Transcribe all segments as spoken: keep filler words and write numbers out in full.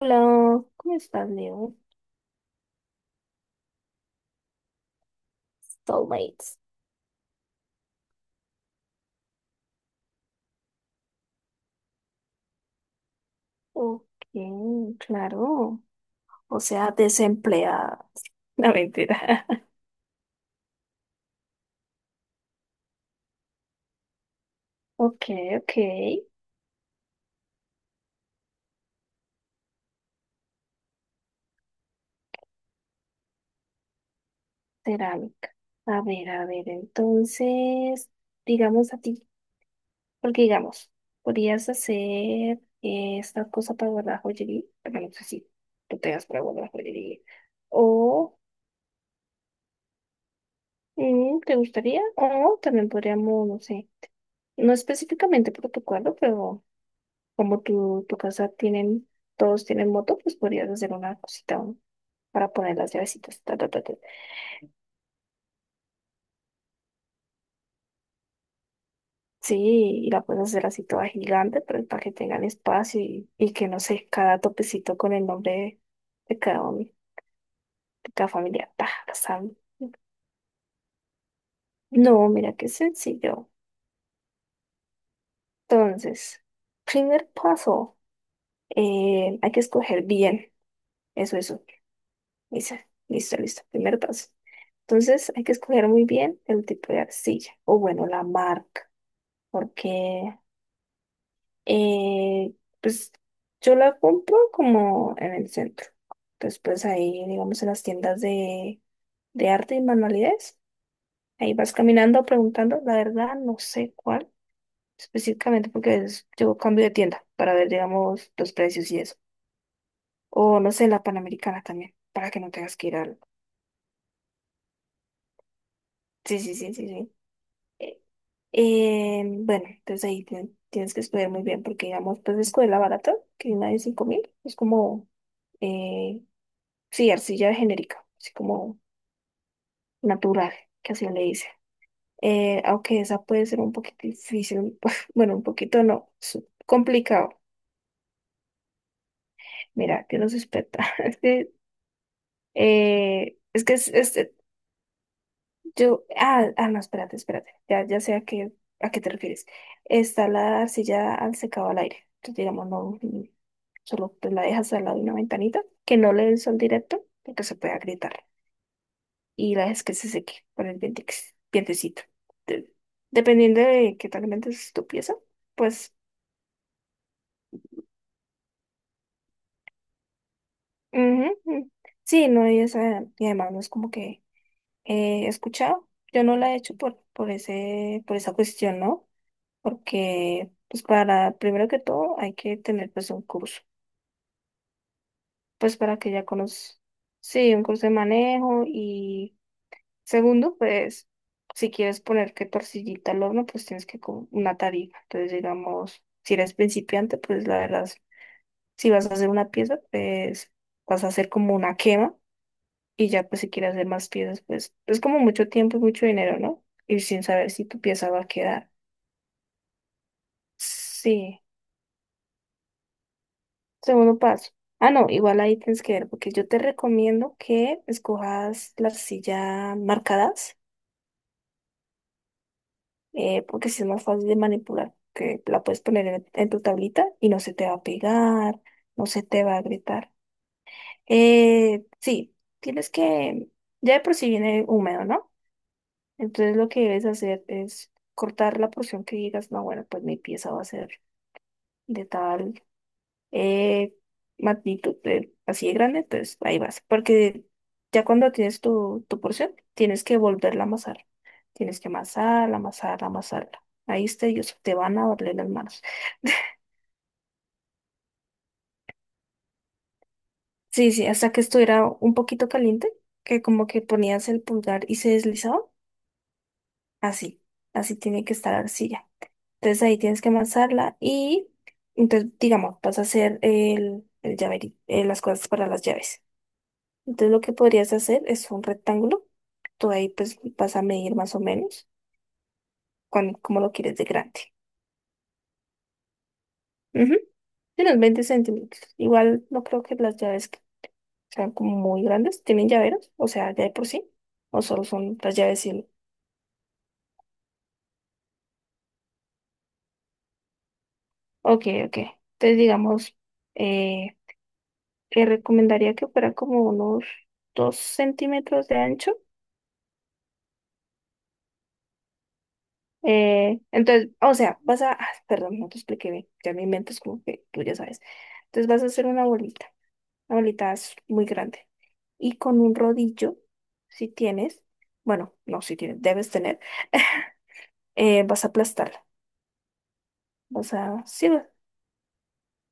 Hola, ¿cómo estás, Leo? Soulmates. Ok, claro. O sea, desempleada. La mentira. Ok, ok. Cerámica. A ver, a ver, entonces, digamos a ti, porque digamos, podrías hacer eh, esta cosa para guardar joyería, pero no sé si tú tengas para guardar joyería. O, mm, ¿te gustaría? O también podríamos, no sé, no específicamente por tu cuadro, pero como tu, tu casa tienen, todos tienen moto, pues podrías hacer una cosita un- para poner las llavecitas. Ta, ta, ta, ta. Sí, y la puedes hacer así toda gigante, pero para que tengan espacio y, y que no sé, cada topecito con el nombre de, de cada hombre, de cada familia. Ta, la sal. No, mira qué sencillo. Entonces, primer paso, eh, hay que escoger bien. Eso, eso. Lisa, listo, listo. Primer paso. Entonces hay que escoger muy bien el tipo de arcilla o bueno, la marca, porque eh, pues yo la compro como en el centro. Entonces pues ahí, digamos, en las tiendas de, de arte y manualidades, ahí vas caminando preguntando, la verdad no sé cuál específicamente porque es- yo cambio de tienda para ver, digamos, los precios y eso. O no sé, la Panamericana también, para que no tengas que ir al. Sí, sí, sí, sí, sí. Eh, bueno, entonces ahí tien- tienes que estudiar muy bien porque, digamos, pues escuela barata, que una de cinco mil es como, eh, sí, arcilla genérica, así como natural, que así le dice. Eh, aunque esa puede ser un poquito difícil, bueno, un poquito no, es complicado. Mira, que nos espeta. Es que, eh, es que es, es- Yo, ah, ah, no, espérate, espérate. Ya, ya sé a qué, a qué te refieres. Está la arcilla al secado al aire. Entonces, digamos, no, mm, solo pues, la dejas al lado de una ventanita, que no le dé el sol directo, porque se puede agrietar. Y la dejas que se seque con el dientex- dientecito. De- dependiendo de qué tan grande es tu pieza, pues, ujú, mm. Sí, no, y esa, y además no es como que eh, he escuchado. Yo no la he hecho por, por ese, por esa cuestión, ¿no? Porque pues para, primero que todo, hay que tener pues un curso, pues para que ya conozcas, sí, un curso de manejo y segundo, pues si quieres poner que tortillita al horno, pues tienes que con una tarifa. Entonces, digamos, si eres principiante, pues la verdad, si vas a hacer una pieza, pues vas a hacer como una quema y ya pues si quieres hacer más piezas, pues es como mucho tiempo y mucho dinero, ¿no? Y sin saber si tu pieza va a quedar. Sí. Segundo paso. Ah, no, igual ahí tienes que ver, porque yo te recomiendo que escojas la arcilla marcadas, eh, porque si es más fácil de manipular, que la puedes poner en, en tu tablita y no se te va a pegar, no se te va a gritar. Eh, sí, tienes que, ya de por sí viene húmedo, ¿no? Entonces lo que debes hacer es cortar la porción que digas, no, bueno, pues mi pieza va a ser de tal eh, magnitud de- así de grande, entonces ahí vas. Porque ya cuando tienes tu, tu porción, tienes que volverla a amasar. Tienes que amasar, amasar, amasarla. Ahí es tedioso, te van a doler las manos. Sí, sí, hasta que estuviera un poquito caliente, que como que ponías el pulgar y se deslizaba. Así, así tiene que estar la arcilla. Entonces ahí tienes que amasarla y entonces, digamos, vas a hacer el, el llaveri- eh, las cosas para las llaves. Entonces lo que podrías hacer es un rectángulo. Tú ahí pues vas a medir más o menos cuán- cómo lo quieres de grande. Ujú. De unos veinte centímetros. Igual no creo que las llaves que sean como muy grandes. ¿Tienen llaveros? O sea, ya de por sí. O solo son las llaves y el. Ok, ok. Entonces digamos, eh, te recomendaría que fuera como unos dos centímetros de ancho. Eh, entonces, o sea, vas a... ah, perdón, no te expliqué bien. Ya mi mente es como que tú ya sabes. Entonces vas a hacer una bolita. La bolita es muy grande. Y con un rodillo, si tienes, bueno, no, si tienes, debes tener, eh, vas a aplastarla. Vas a, sí, va-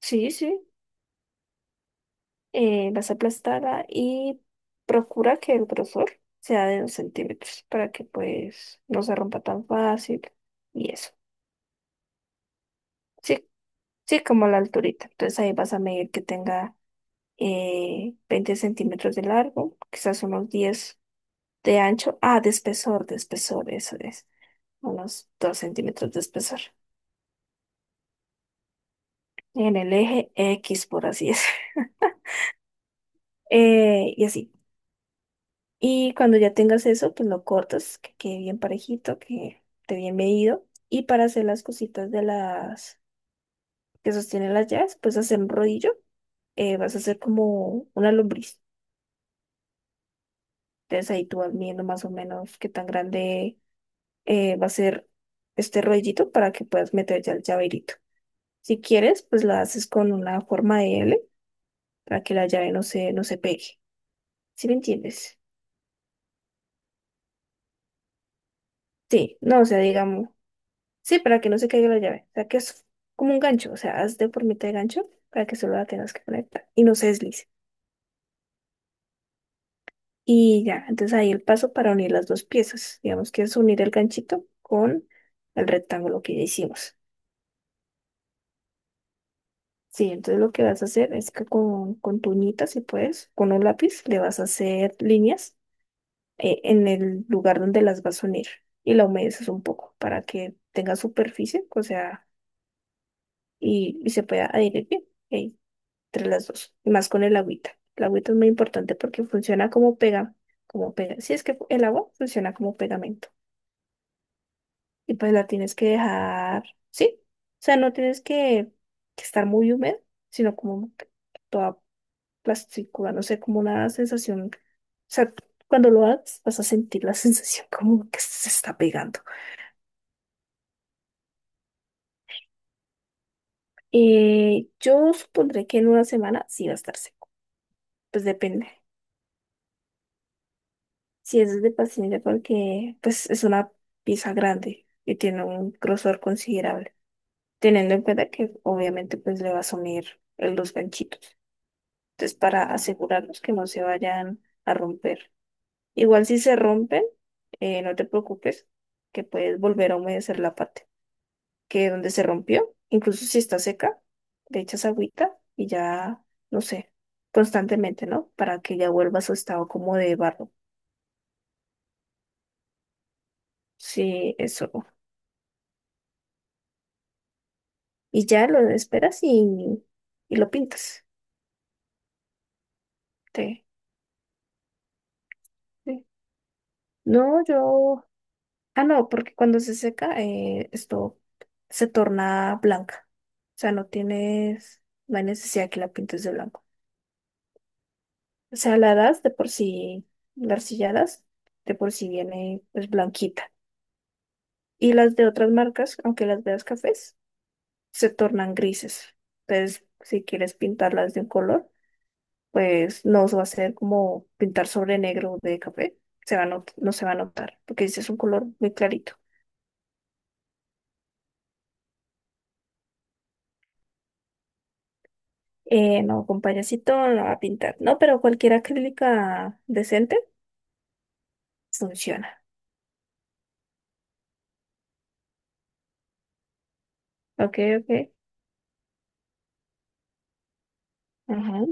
sí, sí, eh, vas a aplastarla y procura que el grosor sea de dos centímetros para que pues no se rompa tan fácil y eso. Sí, sí, como la alturita. Entonces ahí vas a medir que tenga eh, veinte centímetros de largo, quizás unos diez de ancho. Ah, de espesor, de espesor, eso es. Unos dos centímetros de espesor, en el eje equis, por así es. Eh, y así. Y cuando ya tengas eso, pues lo cortas, que quede bien parejito, que esté bien medido. Y para hacer las cositas de las que sostienen las llaves, pues hacer un rodillo. Eh, vas a hacer como una lombriz. Entonces ahí tú vas midiendo más o menos qué tan grande eh, va a ser este rodillito para que puedas meter ya el llaverito. Si quieres, pues la haces con una forma de ele para que la llave no se, no se pegue. ¿Sí me entiendes? Sí, no, o sea, digamos, sí, para que no se caiga la llave. O sea, que es como un gancho, o sea, haz de formita de gancho para que solo la tengas que conectar y no se deslice. Y ya, entonces ahí el paso para unir las dos piezas. Digamos que es unir el ganchito con el rectángulo que ya hicimos. Sí, entonces lo que vas a hacer es que con, con tu uñita, si puedes, con un lápiz, le vas a hacer líneas eh, en el lugar donde las vas a unir y la humedeces un poco para que tenga superficie, o sea, y, y se pueda adherir bien eh, entre las dos, y más con el agüita. El agüita es muy importante porque funciona como pega, como pega. Si es que el agua funciona como pegamento y pues la tienes que dejar, ¿sí? O sea, no tienes que, que estar muy húmeda, sino como toda plástica, no sé, como una sensación. O sea, cuando lo hagas vas a sentir la sensación como que se está pegando. Eh, yo supondré que en una semana sí va a estar seco. Pues depende. Sí, eso es de paciencia porque pues es una pieza grande y tiene un grosor considerable, teniendo en cuenta que obviamente pues le va a sumir eh, los ganchitos. Entonces, para asegurarnos que no se vayan a romper. Igual si se rompen, eh, no te preocupes, que puedes volver a humedecer la parte que donde se rompió, incluso si está seca, le echas agüita y ya, no sé, constantemente, ¿no? Para que ya vuelva a su estado como de barro. Sí, eso. Y ya lo esperas y, y lo pintas. Te- sí. No, yo. Ah, no, porque cuando se seca, eh, esto se torna blanca. O sea, no tienes, no hay necesidad que la pintes de blanco. O sea, la das de por sí, la arcilla das, de por sí viene pues blanquita. Y las de otras marcas, aunque las veas cafés, se tornan grises. Entonces, si quieres pintarlas de un color, pues no va a ser como pintar sobre negro de café. Se va a not- No se va a notar, porque ese es un color muy clarito. Eh, no, con payasito no va a pintar. No, pero cualquier acrílica decente funciona. Ok, ok. Ajá,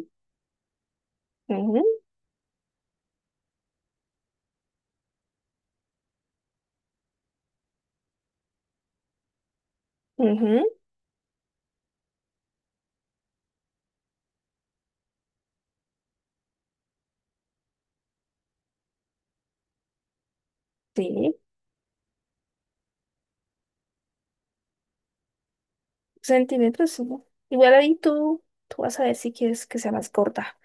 ajá, ajá. Sí, centímetros, sí. Igual ahí tú, tú vas a ver si quieres que sea más corta.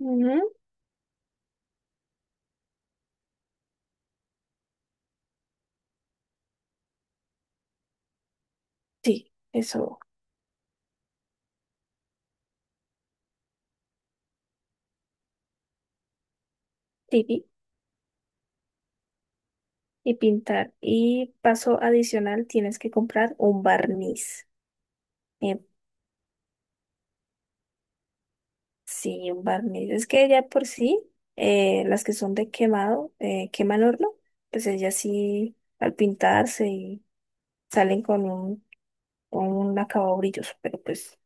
Ujú. Sí, eso, tipi. Y pintar. Y paso adicional, tienes que comprar un barniz. Eh, Sí, un barniz. Es que ya por sí, eh, las que son de quemado, eh, queman horno, pues ellas sí al pintarse y salen con un, con un acabado brilloso, pero pues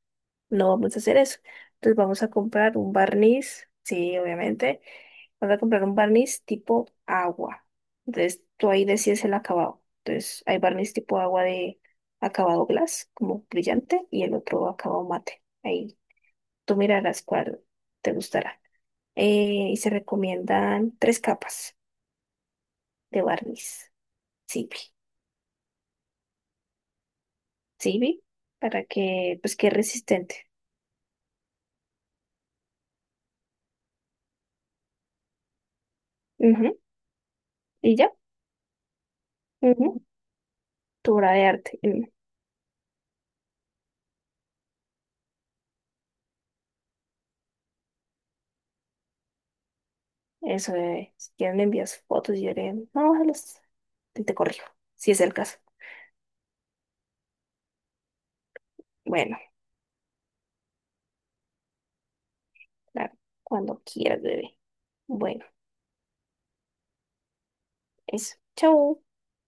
no vamos a hacer eso. Entonces vamos a comprar un barniz, sí, obviamente. Vamos a comprar un barniz tipo agua. Entonces tú ahí decides el acabado. Entonces hay barniz tipo agua de acabado glass, como brillante, y el otro acabado mate. Ahí tú mirarás cuál te gustará eh, y se recomiendan tres capas de barniz Civi, Civi, para que pues quede resistente. Ujú. Y ya, ujú. Tu obra de arte. Mm. Eso, eh, si quieren me envías fotos y yo le- no, se las- te, te corrijo, si es el caso. Bueno, claro, cuando quieras, bebé. Bueno, eso. Chau.